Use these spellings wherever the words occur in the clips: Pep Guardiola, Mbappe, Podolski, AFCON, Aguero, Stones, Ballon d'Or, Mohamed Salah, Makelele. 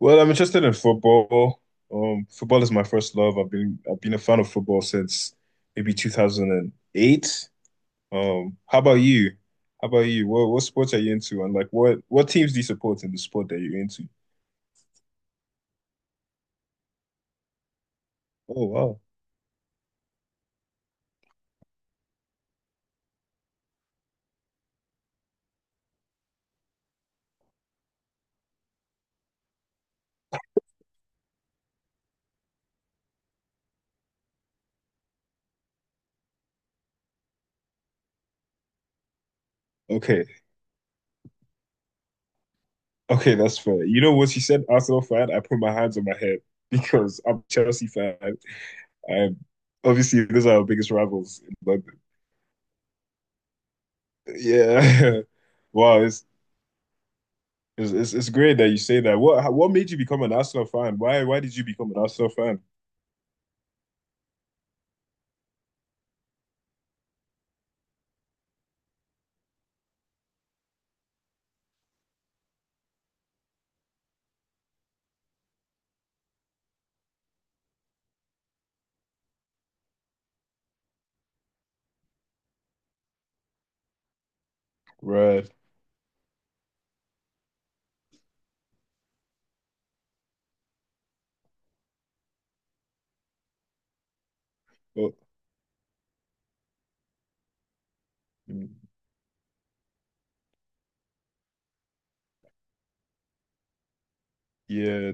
Well, I'm interested in football. Football is my first love. I've been a fan of football since maybe 2008. Um, how about you? How about you? What sports are you into, and like what teams do you support in the sport that you're into? Oh wow. Okay, okay, that's fair. You know, what she said Arsenal fan, I put my hands on my head because I'm a Chelsea fan. I'm Obviously those are our biggest rivals in London. Yeah. Wow, it's It's, it's great that you say that. What made you become an Arsenal fan? Why did you become an Arsenal fan? Right. Oh, mm, yeah.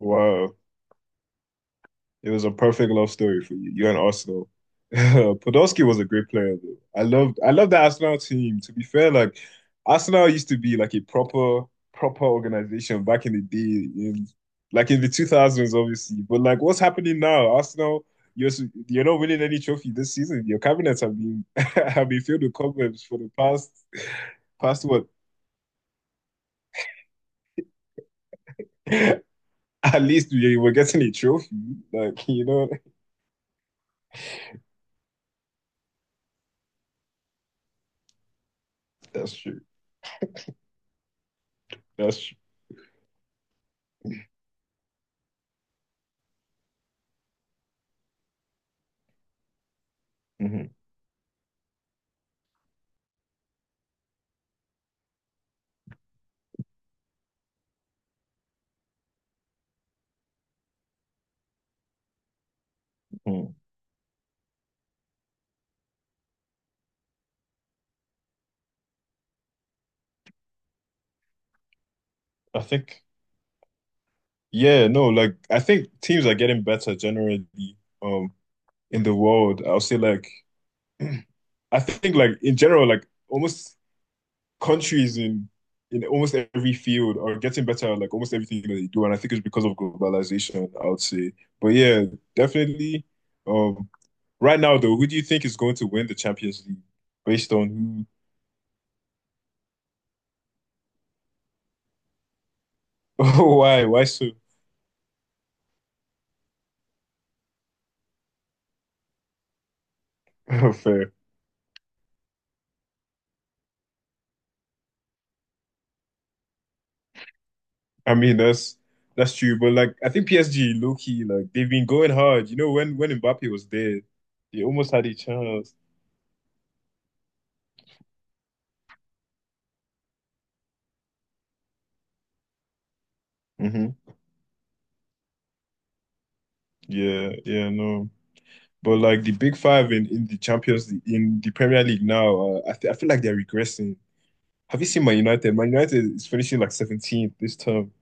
Wow. It was a perfect love story for you. You and Arsenal. Podolski was a great player though. I loved the Arsenal team. To be fair, like Arsenal used to be like a proper organization back in the day in like in the 2000s obviously. But like what's happening now? You're s- you're not winning any trophy this season. Your cabinets have been have been filled with cobwebs for the past what? At least we were getting a trophy. Like, you know, that's true. That's true. Mhm. Mhm. I think. Yeah, no, like I think teams are getting better generally um in the world. I'll say like I think like in general, like almost countries in almost every field are getting better at like almost everything that they do. And I think it's because of globalization, I would say. But yeah, definitely. Um right now though, who do you think is going to win the Champions League based on who? why? Why so fair? I mean, that's true, but like I think PSG low key like they've been going hard. You know, when Mbappe was there, they almost had a chance. Hmm. Yeah, yeah, no. But like the big five in the Champions League, in the Premier League now, I feel like they're regressing. Have you seen Man United? Man United is finishing like 17th this term.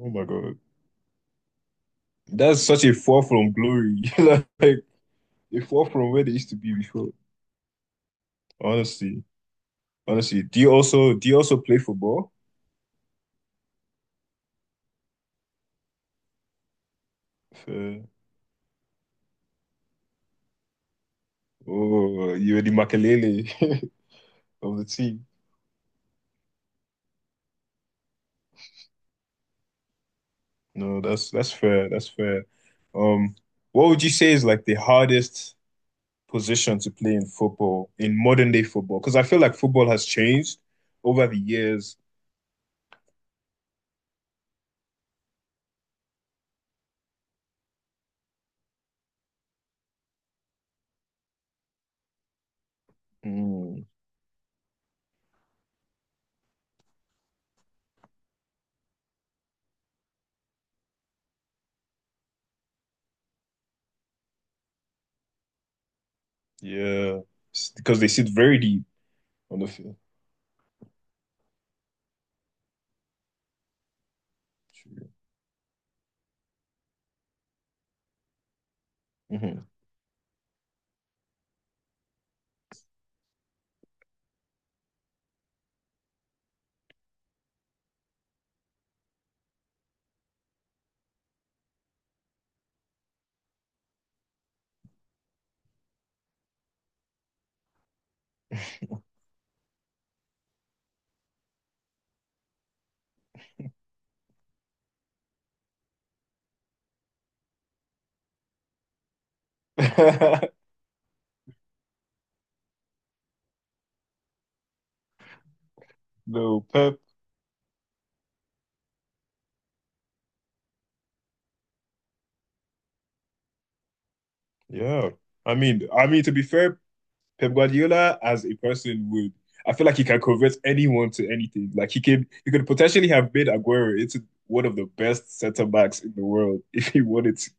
Oh my God. That's such a fall from glory. Like a fall from where they used to be before. Honestly. Honestly. Do you also play football? Oh, you were the Makelele of the team. No, that's fair. That's fair. Um, what would you say is like the hardest position to play in football, in modern day football? Because I feel like football has changed over the years. Mm, yeah. Because they sit very deep on the field. Mhm. No, Pep. Yeah. I mean to be fair, Pep Guardiola as a person would. I feel like he can convert anyone to anything. Like he could potentially have made Aguero into one of the best center backs in the world if he wanted to.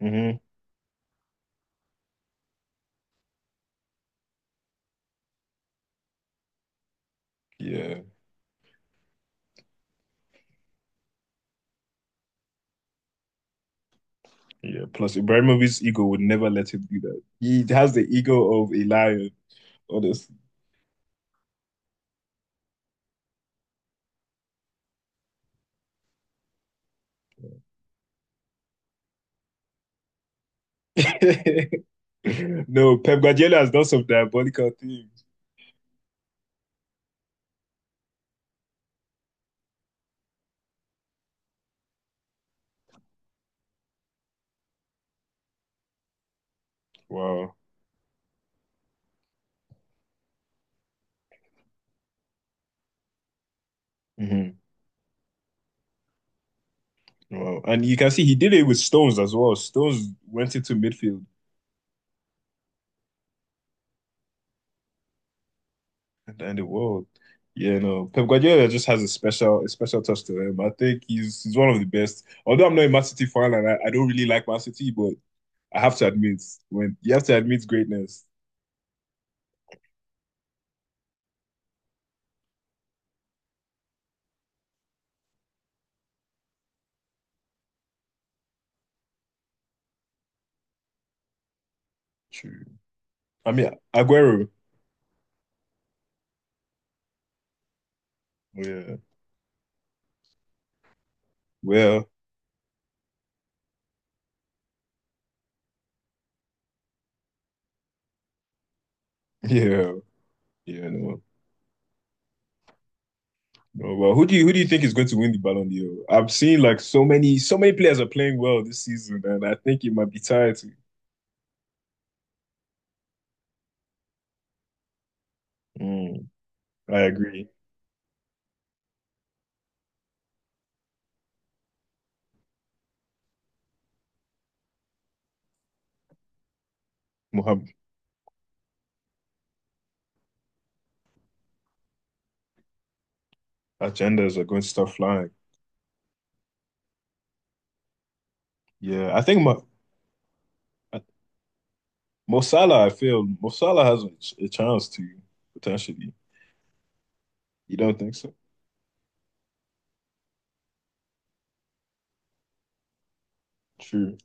Mhm. Yeah, yeah. Plus, Ibrahimovic's ego would never let him do that. He has the ego of a lion, honestly. No, Pep Guardiola has done some diabolical things. Wow. Mhm. Wow. And you can see he did it with Stones as well. Stones went into midfield in the world. Yeah, no. Pep Guardiola just has a special touch to him. I think he's one of the best. Although I'm not a Man City fan and I don't really like Man City, but I have to admit when you have to admit greatness. True. I mean Aguero. Oh, yeah. Well, yeah, yeah, no. No, well, who do you think is going to win the Ballon d'Or? I've seen like so many, so many players are playing well this season, and I think it might be tied to. Mm, I agree. Mohamed agendas are going to start flying. Yeah, I think my I Mo Salah, I feel Mo Salah has a chance to potentially. You don't think so? True.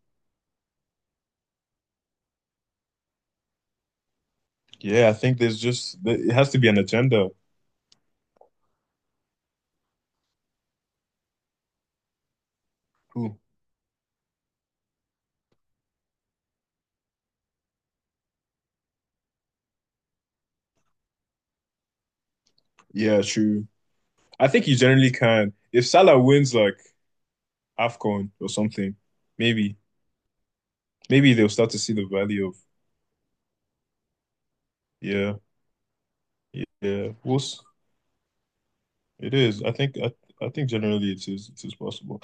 Yeah, I think there's just it has to be an agenda. Ooh. Yeah, true. I think you generally can. If Salah wins like AFCON or something, maybe maybe they'll start to see the value of yeah, yeah. It is. I think generally it is possible.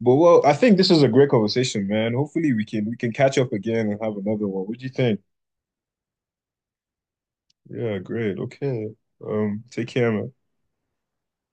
But well, I think this is a great conversation, man. Hopefully we can catch up again and have another one. What do you think? Yeah, great. Okay. Take care, man.